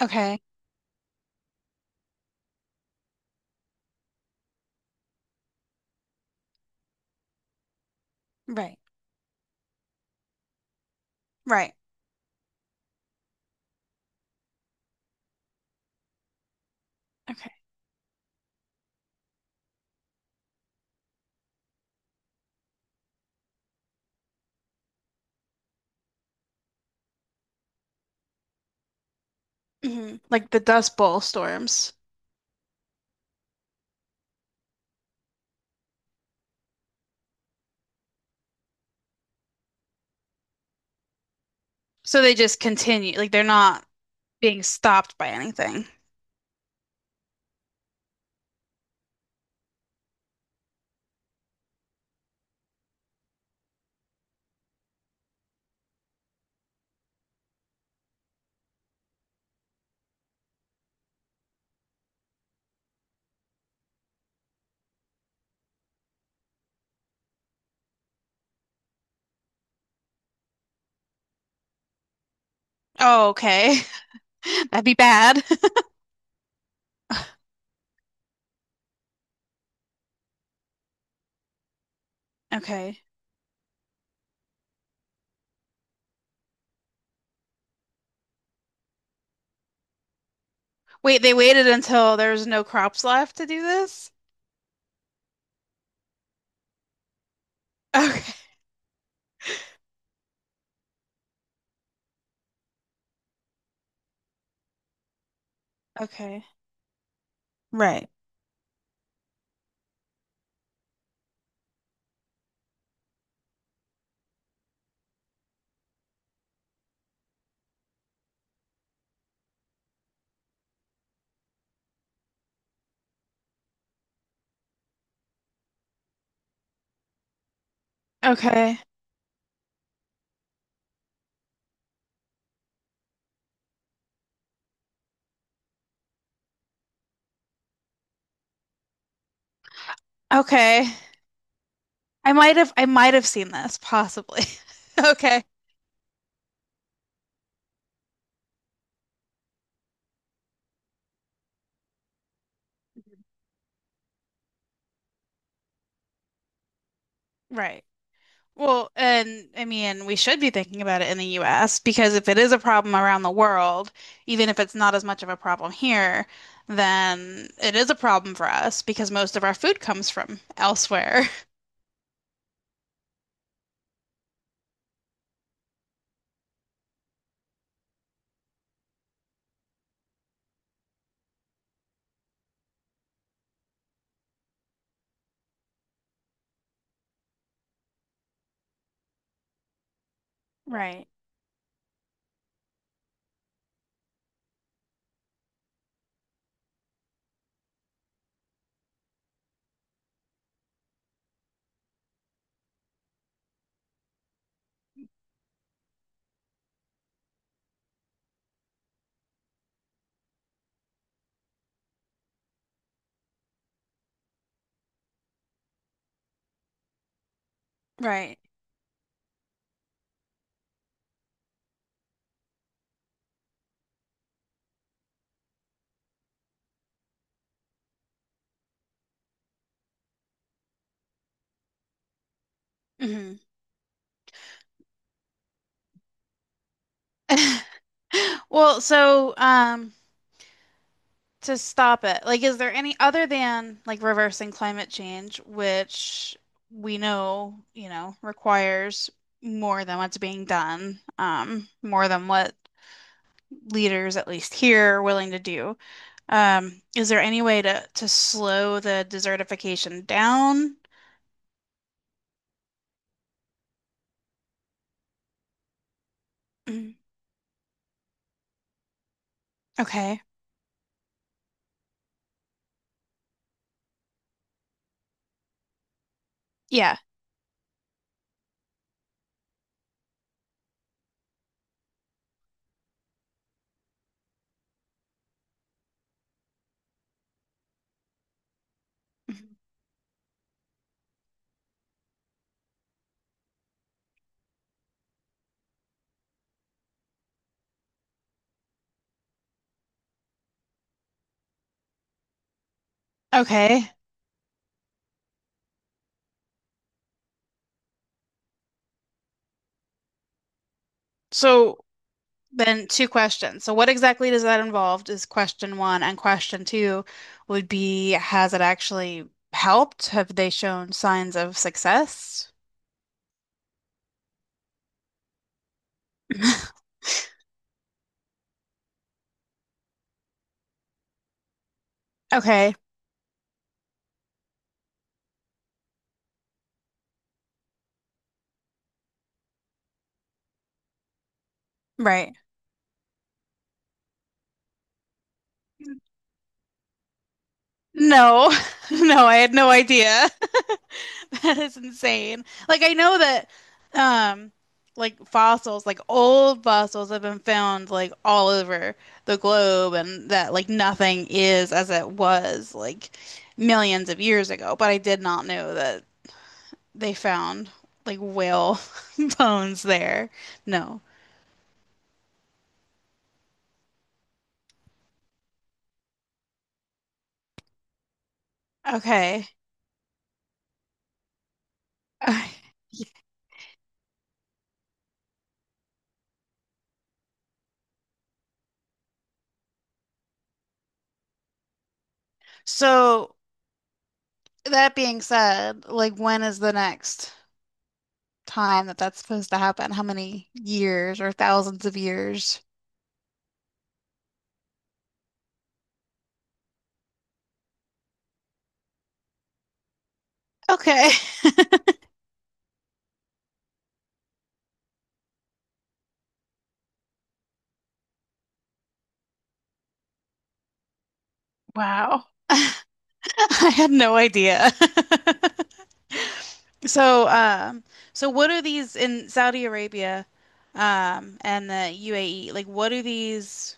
Okay. Right. Right. Okay. Like the Dust Bowl storms. So they just continue. Like they're not being stopped by anything. Oh, okay. That'd be bad. Okay. Wait, they waited until there was no crops left to do this? Okay. Okay. Right. Okay. Okay. I might have seen this, possibly. Okay. Right. Well, and I mean, we should be thinking about it in the US because if it is a problem around the world, even if it's not as much of a problem here, then it is a problem for us because most of our food comes from elsewhere. Right, right. hmm Well, so to stop it, like is there any other than like reversing climate change, which we know, requires more than what's being done, more than what leaders, at least here, are willing to do. Is there any way to slow the desertification down? Mm, okay. Yeah. Mhm. Okay. So then two questions. So what exactly does that involve is question one, and question two would be, has it actually helped? Have they shown signs of success? Okay, right. No, no, I had no idea. That is insane. Like I know that um like fossils, like old fossils have been found like all over the globe and that like nothing is as it was like millions of years ago, but I did not know that they found like whale bones there. No. Okay. So that being said, like when is the next time that that's supposed to happen? How many years or thousands of years? Okay. Wow. I had no idea. So, um, so what are these in Saudi Arabia, and the UAE? Like, what do these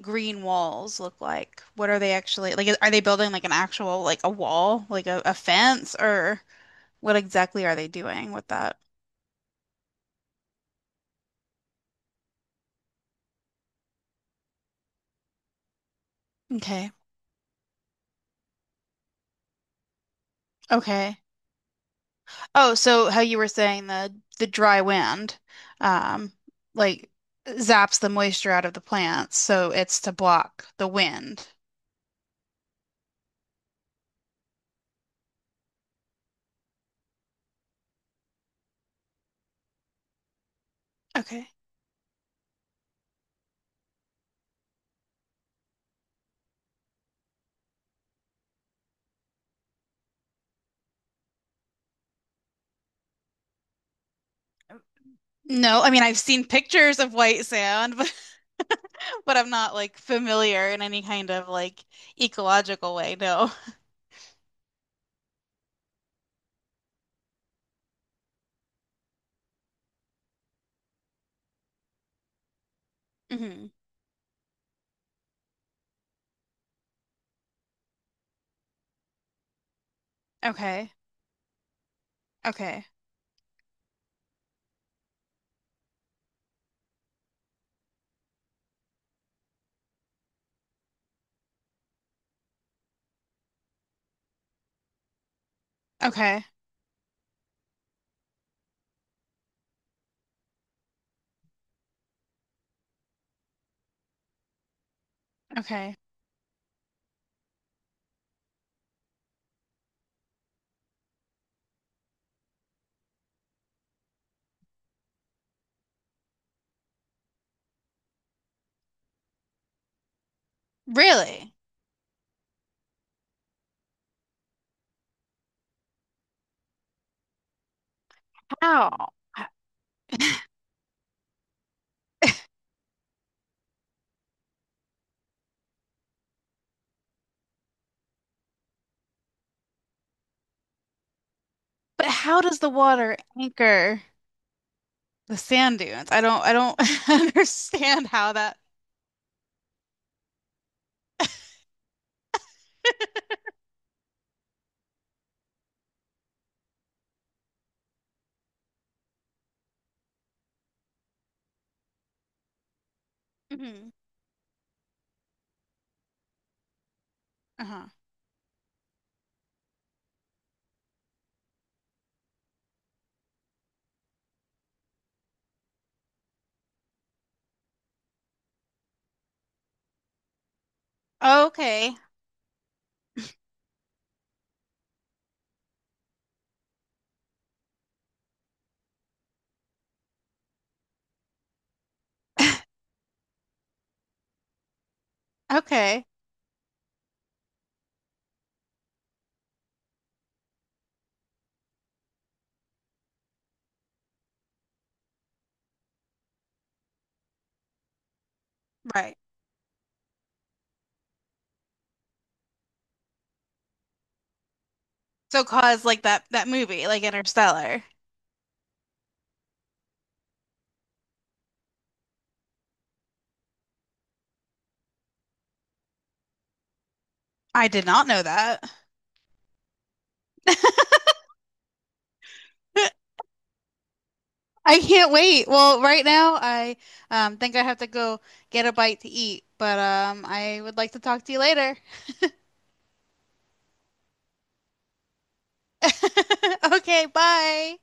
green walls look like? What are they actually like? Are they building like an actual like a wall, like a fence, or what exactly are they doing with that? Okay. Okay. Oh, so how you were saying the dry wind, um, like zaps the moisture out of the plants, so it's to block the wind. Okay. No, I mean I've seen pictures of white sand, but I'm not like familiar in any kind of like ecological way. No. hmm Okay. Okay. Okay. Okay. Really? How? H- But how does the water anchor the sand dunes? I don't understand how that. Mhm. Uh-huh. Okay. Okay. Right. So cause like that movie, like Interstellar. I did not know that. I can't wait. Well, right now I think I have to go get a bite to eat, but I would like to talk to you later. Okay, bye.